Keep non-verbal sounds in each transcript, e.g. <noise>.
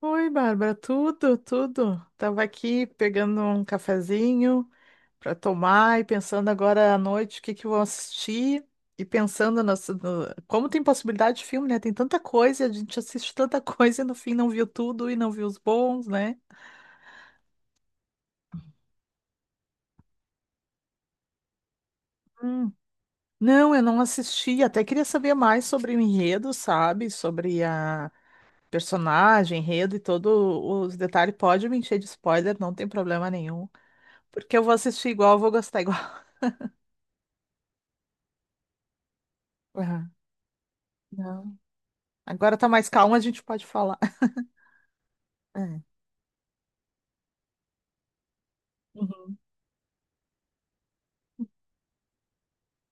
Oi, Bárbara, tudo, tudo. Tava aqui pegando um cafezinho para tomar e pensando agora à noite o que que eu vou assistir e pensando como tem possibilidade de filme, né? Tem tanta coisa, a gente assiste tanta <laughs> coisa e no fim não viu tudo e não viu os bons, né? Hum. Não, eu não assisti, até queria saber mais sobre o enredo, sabe? Sobre a personagem, enredo e todos os detalhes. Pode me encher de spoiler, não tem problema nenhum, porque eu vou assistir igual, eu vou gostar igual. <laughs> Não. Agora tá mais calmo, a gente pode falar. <laughs> É. Uhum.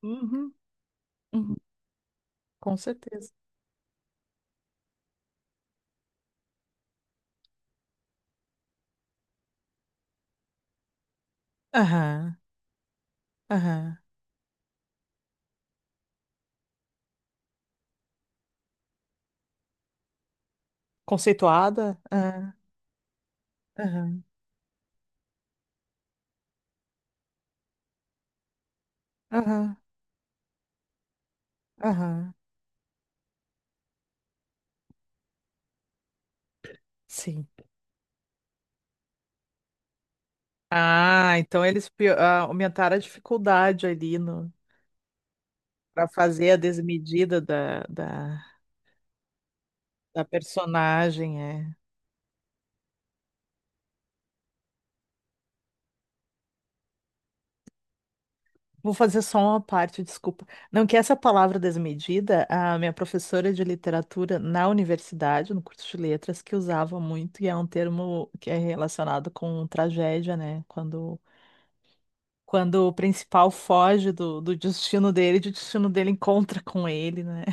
Uhum. Uhum. Com certeza. Aham. Aham. Conceituada? Aham. Aham. Aham. Aham. Sim. Ah, então eles aumentaram a dificuldade ali no para fazer a desmedida da personagem, é. Vou fazer só uma parte, desculpa. Não, que essa palavra desmedida, a minha professora de literatura na universidade, no curso de letras, que usava muito, e é um termo que é relacionado com tragédia, né? Quando o principal foge do destino dele, e o destino dele encontra com ele, né?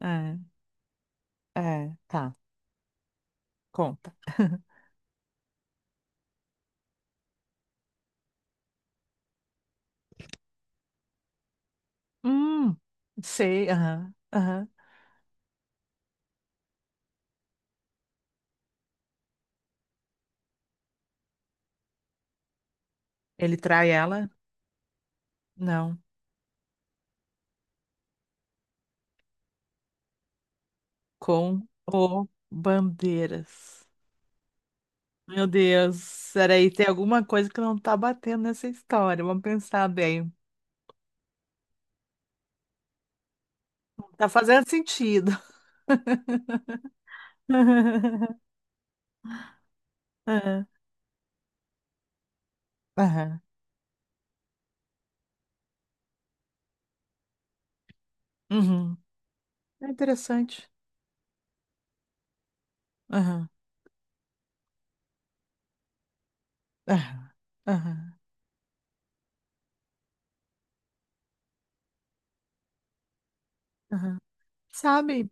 É, é, tá, conta. <laughs> Hum, sei, aham, aham. Ele trai ela? Não, com o bandeiras. Meu Deus, peraí, tem alguma coisa que não tá batendo nessa história. Vamos pensar bem. Tá fazendo sentido. <laughs> Aham, aham, uhum. É interessante. Aham, aham, aham, aham. Sabe,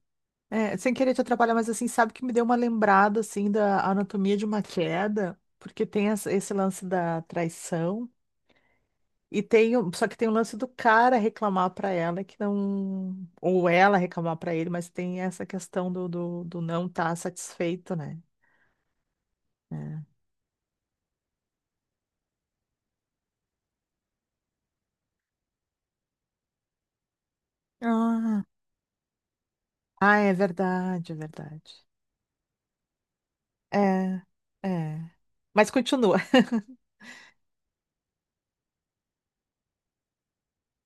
é, sem querer te atrapalhar, mas assim, sabe que me deu uma lembrada assim da anatomia de uma queda, porque tem esse lance da traição. E tem, só que tem o lance do cara reclamar pra ela que não, ou ela reclamar pra ele, mas tem essa questão do não estar satisfeito, né? É. Ah, ah, é verdade, é verdade. É, é. Mas continua. <laughs>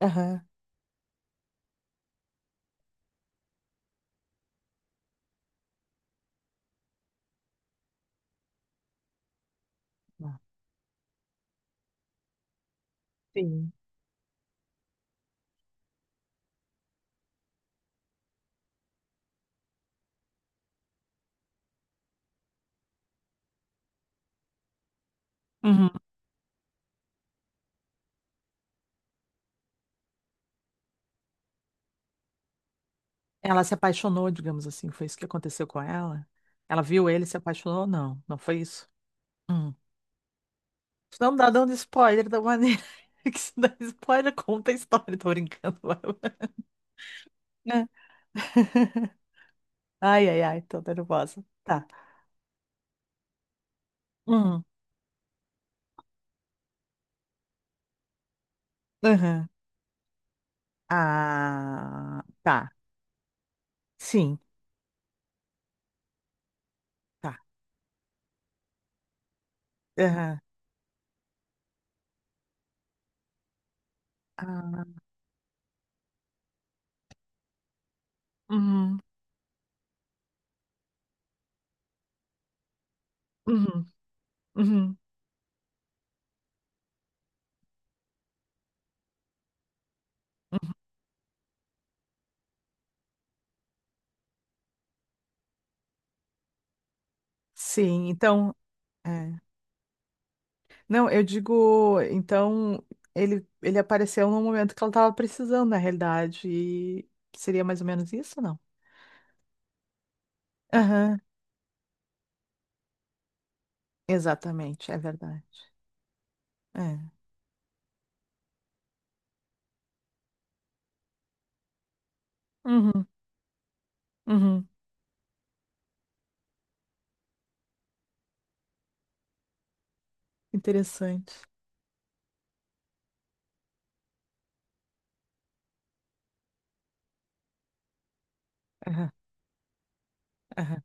Aham. Sim. Uhum. Ela se apaixonou, digamos assim, foi isso que aconteceu com ela? Ela viu ele, se apaixonou? Não, não foi isso. Hum. Isso não dá dando spoiler da maneira <laughs> que se dá spoiler, conta a história, tô brincando. <laughs> <laughs> Ai, ai, ai, tô nervosa. Tá. Hum, aham. Ah, tá. Sim, tá. Aham. Ah, uhum, uhum, uhum. Sim, então. É. Não, eu digo, então, ele apareceu no momento que ela estava precisando, na realidade. E seria mais ou menos isso, não? Aham, exatamente, é verdade. É. Uhum, uhum. Interessante. Aham, aham.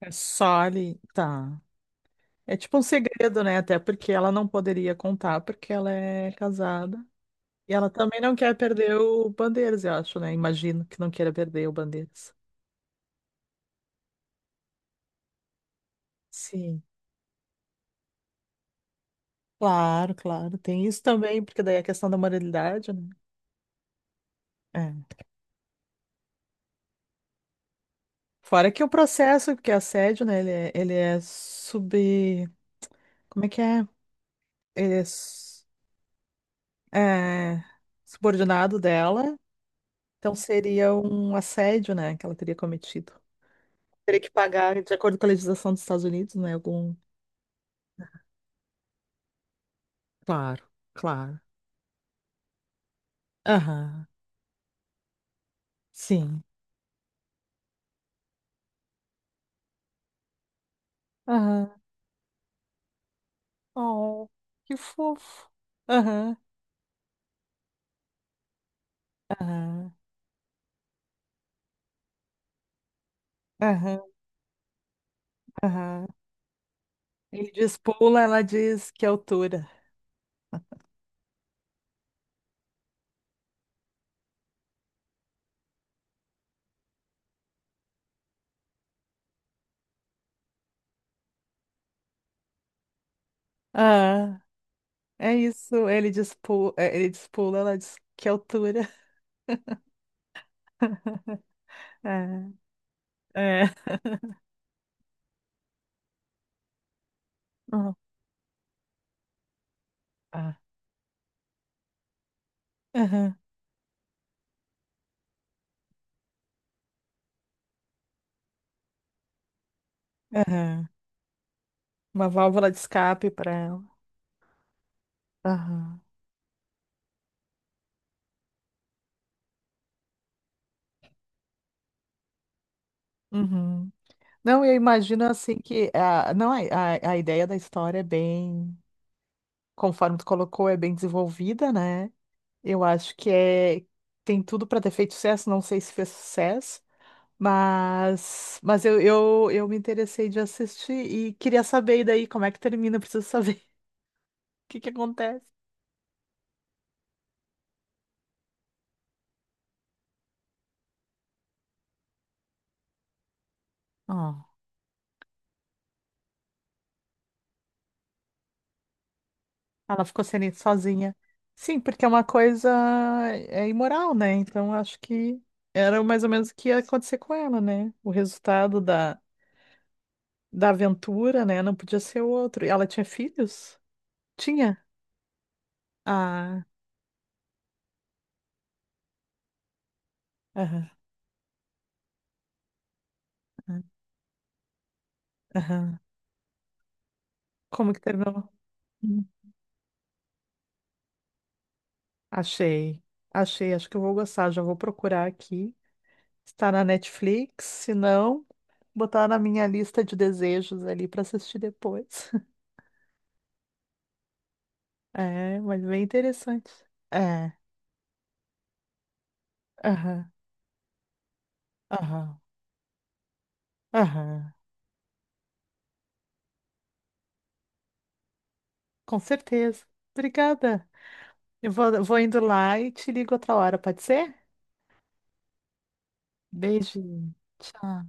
É só ali. Tá. É tipo um segredo, né? Até porque ela não poderia contar, porque ela é casada. E ela também não quer perder o Bandeiras, eu acho, né? Imagino que não queira perder o Bandeiras. Sim, claro, claro. Tem isso também, porque daí a questão da moralidade, né? É. Fora que o processo, porque é assédio, né? Ele é sub. Como é que é? Ele é subordinado dela. Então seria um assédio, né? Que ela teria cometido. Teria que pagar, de acordo com a legislação dos Estados Unidos, né? Algum. Claro, claro. Aham, sim. Aham. Oh, que fofo. Aham, aham, aham, aham. Ele diz pula, ela diz que altura. Ah, é isso. Ele diz pula, ela diz que altura. <laughs> É, é. Uhum. Ah, aham, aham. Uma válvula de escape para ela. Aham, uhum. Não, eu imagino assim que a, não, a ideia da história é bem conforme tu colocou, é bem desenvolvida, né? Eu acho que é tem tudo para ter feito sucesso, não sei se fez sucesso, mas eu me interessei de assistir e queria saber e daí como é que termina, eu preciso saber <laughs> o que que acontece. Ah, ela ficou sem ele sozinha. Sim, porque é uma coisa é imoral, né? Então acho que era mais ou menos o que ia acontecer com ela, né? O resultado da aventura, né? Não podia ser outro. E ela tinha filhos? Tinha. Ah, aham, aham. Aham. Como que terminou? Hum. Achei. Achei, acho que eu vou gostar. Já vou procurar aqui. Está na Netflix, se não, botar na minha lista de desejos ali para assistir depois. <laughs> É, mas bem interessante. É, aham, aham, aham. Com certeza. Obrigada. Eu vou indo lá e te ligo outra hora, pode ser? Beijinho. Tchau.